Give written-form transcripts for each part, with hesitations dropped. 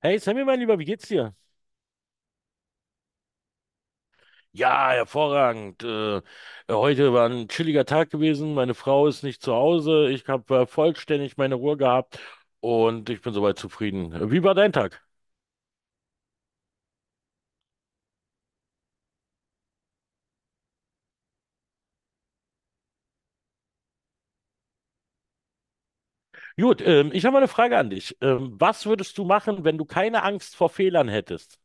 Hey Sammy, mein Lieber, wie geht's dir? Ja, hervorragend. Heute war ein chilliger Tag gewesen. Meine Frau ist nicht zu Hause. Ich habe vollständig meine Ruhe gehabt und ich bin soweit zufrieden. Wie war dein Tag? Gut, ich habe mal eine Frage an dich. Was würdest du machen, wenn du keine Angst vor Fehlern hättest?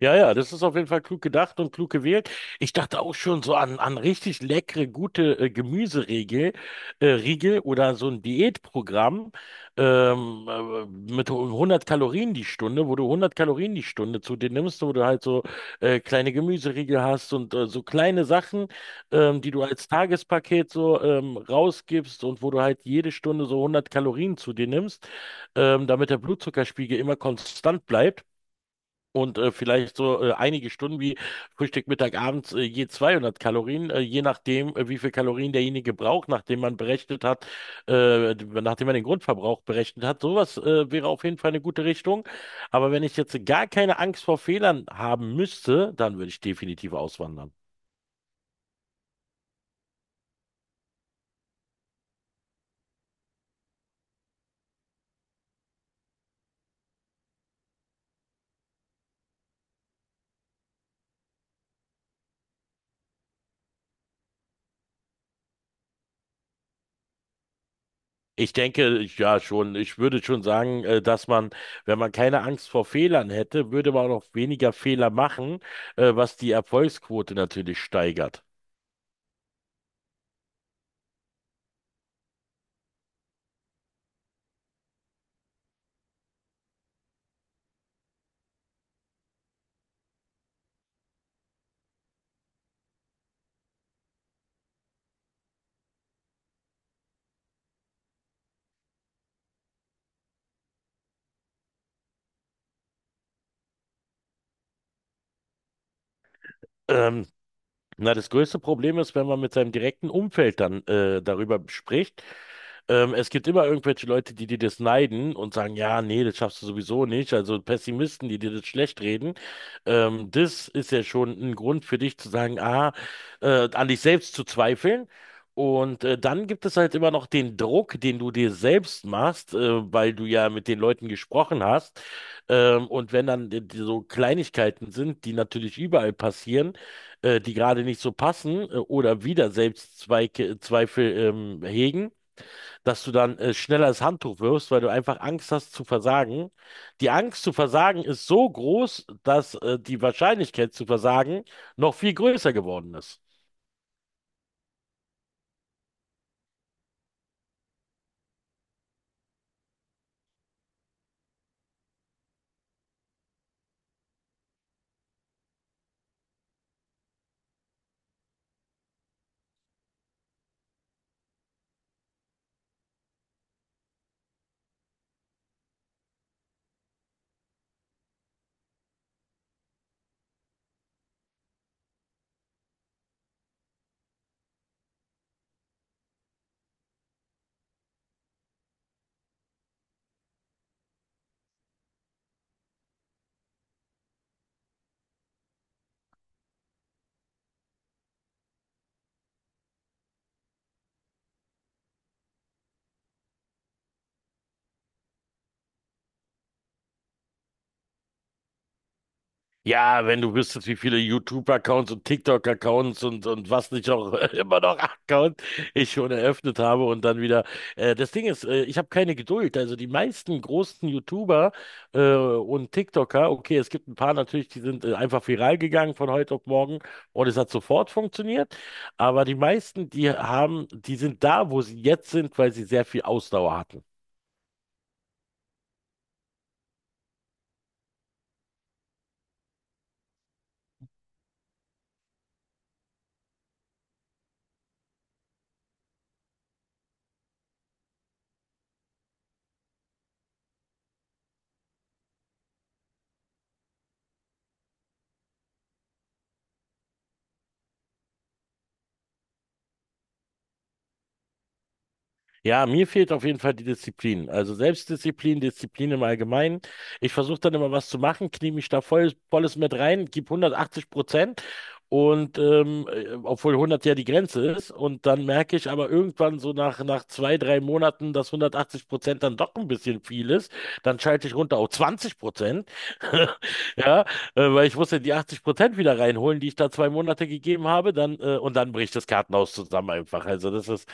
Ja, ja, das ist auf jeden Fall klug gedacht und klug gewählt. Ich dachte auch schon so an richtig leckere, gute Gemüseriegel, Riegel oder so ein Diätprogramm ähm, äh, mit 100 Kalorien die Stunde, wo du 100 Kalorien die Stunde zu dir nimmst, wo du halt so kleine Gemüseriegel hast und so kleine Sachen, die du als Tagespaket so rausgibst und wo du halt jede Stunde so 100 Kalorien zu dir nimmst, damit der Blutzuckerspiegel immer konstant bleibt. Und vielleicht so einige Stunden wie Frühstück, Mittag, Abends je 200 Kalorien, je nachdem, wie viel Kalorien derjenige braucht, nachdem man berechnet hat, nachdem man den Grundverbrauch berechnet hat. Sowas wäre auf jeden Fall eine gute Richtung. Aber wenn ich jetzt gar keine Angst vor Fehlern haben müsste, dann würde ich definitiv auswandern. Ich denke, ja schon, ich würde schon sagen, dass man, wenn man keine Angst vor Fehlern hätte, würde man auch weniger Fehler machen, was die Erfolgsquote natürlich steigert. Ähm, Na, das größte Problem ist, wenn man mit seinem direkten Umfeld dann darüber spricht. Es gibt immer irgendwelche Leute, die dir das neiden und sagen, ja, nee, das schaffst du sowieso nicht. Also Pessimisten, die dir das schlecht reden. Das ist ja schon ein Grund für dich zu sagen, an dich selbst zu zweifeln. Und dann gibt es halt immer noch den Druck, den du dir selbst machst, weil du ja mit den Leuten gesprochen hast. Und wenn dann die so Kleinigkeiten sind, die natürlich überall passieren, die gerade nicht so passen oder wieder Selbstzweifel hegen, dass du dann schneller das Handtuch wirfst, weil du einfach Angst hast zu versagen. Die Angst zu versagen ist so groß, dass die Wahrscheinlichkeit zu versagen noch viel größer geworden ist. Ja, wenn du wüsstest, wie viele YouTube-Accounts und TikTok-Accounts und was nicht auch immer noch Accounts ich schon eröffnet habe und dann wieder. Das Ding ist, ich habe keine Geduld. Also die meisten großen YouTuber und TikToker, okay, es gibt ein paar natürlich, die sind einfach viral gegangen von heute auf morgen und es hat sofort funktioniert. Aber die meisten, die sind da, wo sie jetzt sind, weil sie sehr viel Ausdauer hatten. Ja, mir fehlt auf jeden Fall die Disziplin. Also Selbstdisziplin, Disziplin im Allgemeinen. Ich versuche dann immer was zu machen, knie mich da volles mit rein, gib 180%. Und obwohl 100 ja die Grenze ist. Und dann merke ich aber irgendwann so nach zwei, drei Monaten, dass 180% dann doch ein bisschen viel ist. Dann schalte ich runter auf 20%. Ja, weil ich muss ja die 80% wieder reinholen, die ich da 2 Monate gegeben habe. Und dann bricht das Kartenhaus zusammen einfach. Also das ist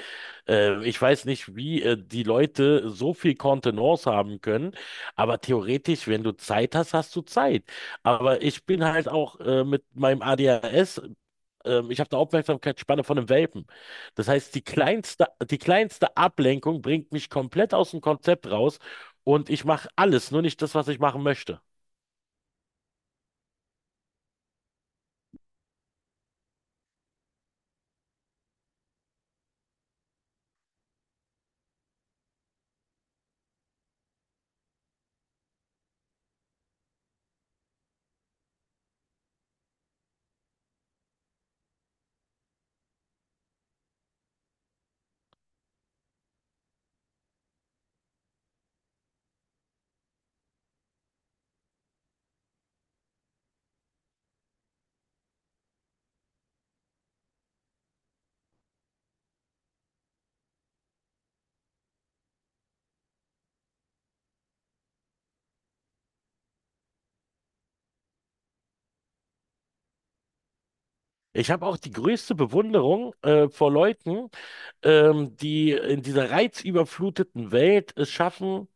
ich weiß nicht, wie die Leute so viel Kontenance haben können, aber theoretisch, wenn du Zeit hast, hast du Zeit. Aber ich bin halt auch mit meinem ADHS, ich habe eine Aufmerksamkeitsspanne von einem Welpen. Das heißt, die kleinste Ablenkung bringt mich komplett aus dem Konzept raus und ich mache alles, nur nicht das, was ich machen möchte. Ich habe auch die größte Bewunderung vor Leuten, die in dieser reizüberfluteten Welt es schaffen,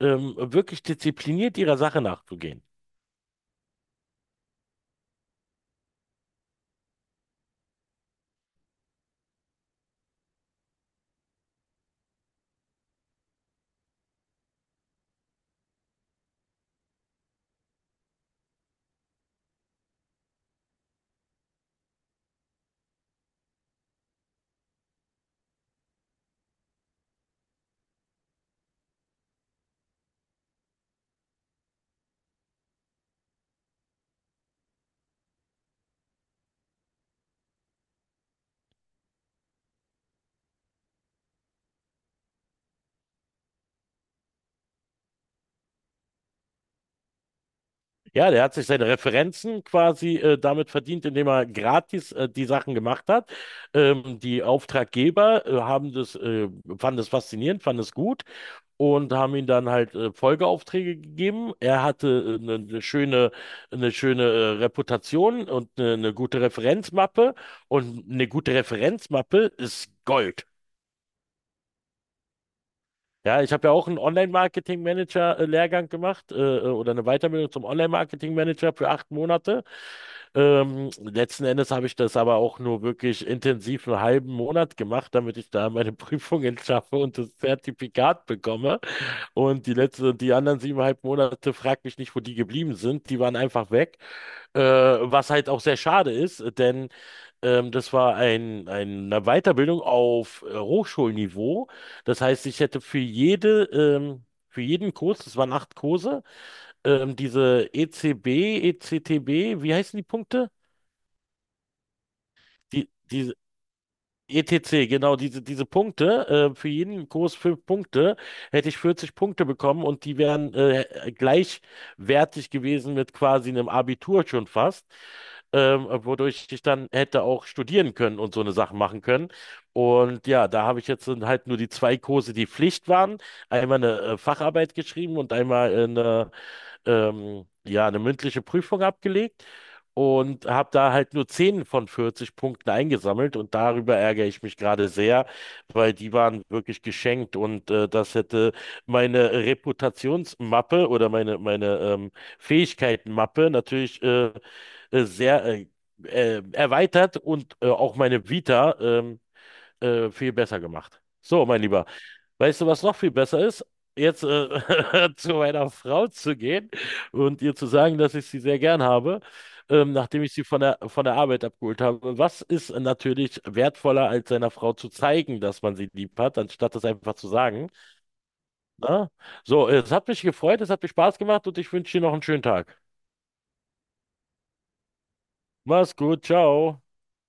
wirklich diszipliniert ihrer Sache nachzugehen. Ja, der hat sich seine Referenzen quasi damit verdient, indem er gratis die Sachen gemacht hat. Die Auftraggeber haben fanden das faszinierend, fanden es gut und haben ihm dann halt Folgeaufträge gegeben. Er hatte eine schöne Reputation und eine gute Referenzmappe. Und eine gute Referenzmappe ist Gold. Ja, ich habe ja auch einen Online-Marketing-Manager-Lehrgang gemacht oder eine Weiterbildung zum Online-Marketing-Manager für 8 Monate. Letzten Endes habe ich das aber auch nur wirklich intensiv einen halben Monat gemacht, damit ich da meine Prüfungen schaffe und das Zertifikat bekomme. Und die anderen 7,5 Monate, frag mich nicht, wo die geblieben sind. Die waren einfach weg. Was halt auch sehr schade ist, denn ähm, das war ein, eine Weiterbildung auf Hochschulniveau. Das heißt, ich hätte für für jeden Kurs, das waren 8 Kurse, diese ECB, ECTB, wie heißen die Punkte? Die ETC, genau, diese Punkte, für jeden Kurs 5 Punkte, hätte ich 40 Punkte bekommen und die wären gleichwertig gewesen mit quasi einem Abitur schon fast, wodurch ich dann hätte auch studieren können und so eine Sache machen können. Und ja, da habe ich jetzt dann halt nur die zwei Kurse, die Pflicht waren, einmal eine Facharbeit geschrieben und einmal eine ja, eine mündliche Prüfung abgelegt und habe da halt nur 10 von 40 Punkten eingesammelt und darüber ärgere ich mich gerade sehr, weil die waren wirklich geschenkt und das hätte meine Reputationsmappe oder meine Fähigkeitenmappe natürlich sehr erweitert und auch meine Vita viel besser gemacht. So, mein Lieber. Weißt du, was noch viel besser ist? Jetzt zu meiner Frau zu gehen und ihr zu sagen, dass ich sie sehr gern habe, nachdem ich sie von von der Arbeit abgeholt habe. Was ist natürlich wertvoller, als seiner Frau zu zeigen, dass man sie lieb hat, anstatt das einfach zu sagen? Na? So, es hat mich gefreut, es hat mir Spaß gemacht und ich wünsche dir noch einen schönen Tag. Mach's gut, ciao.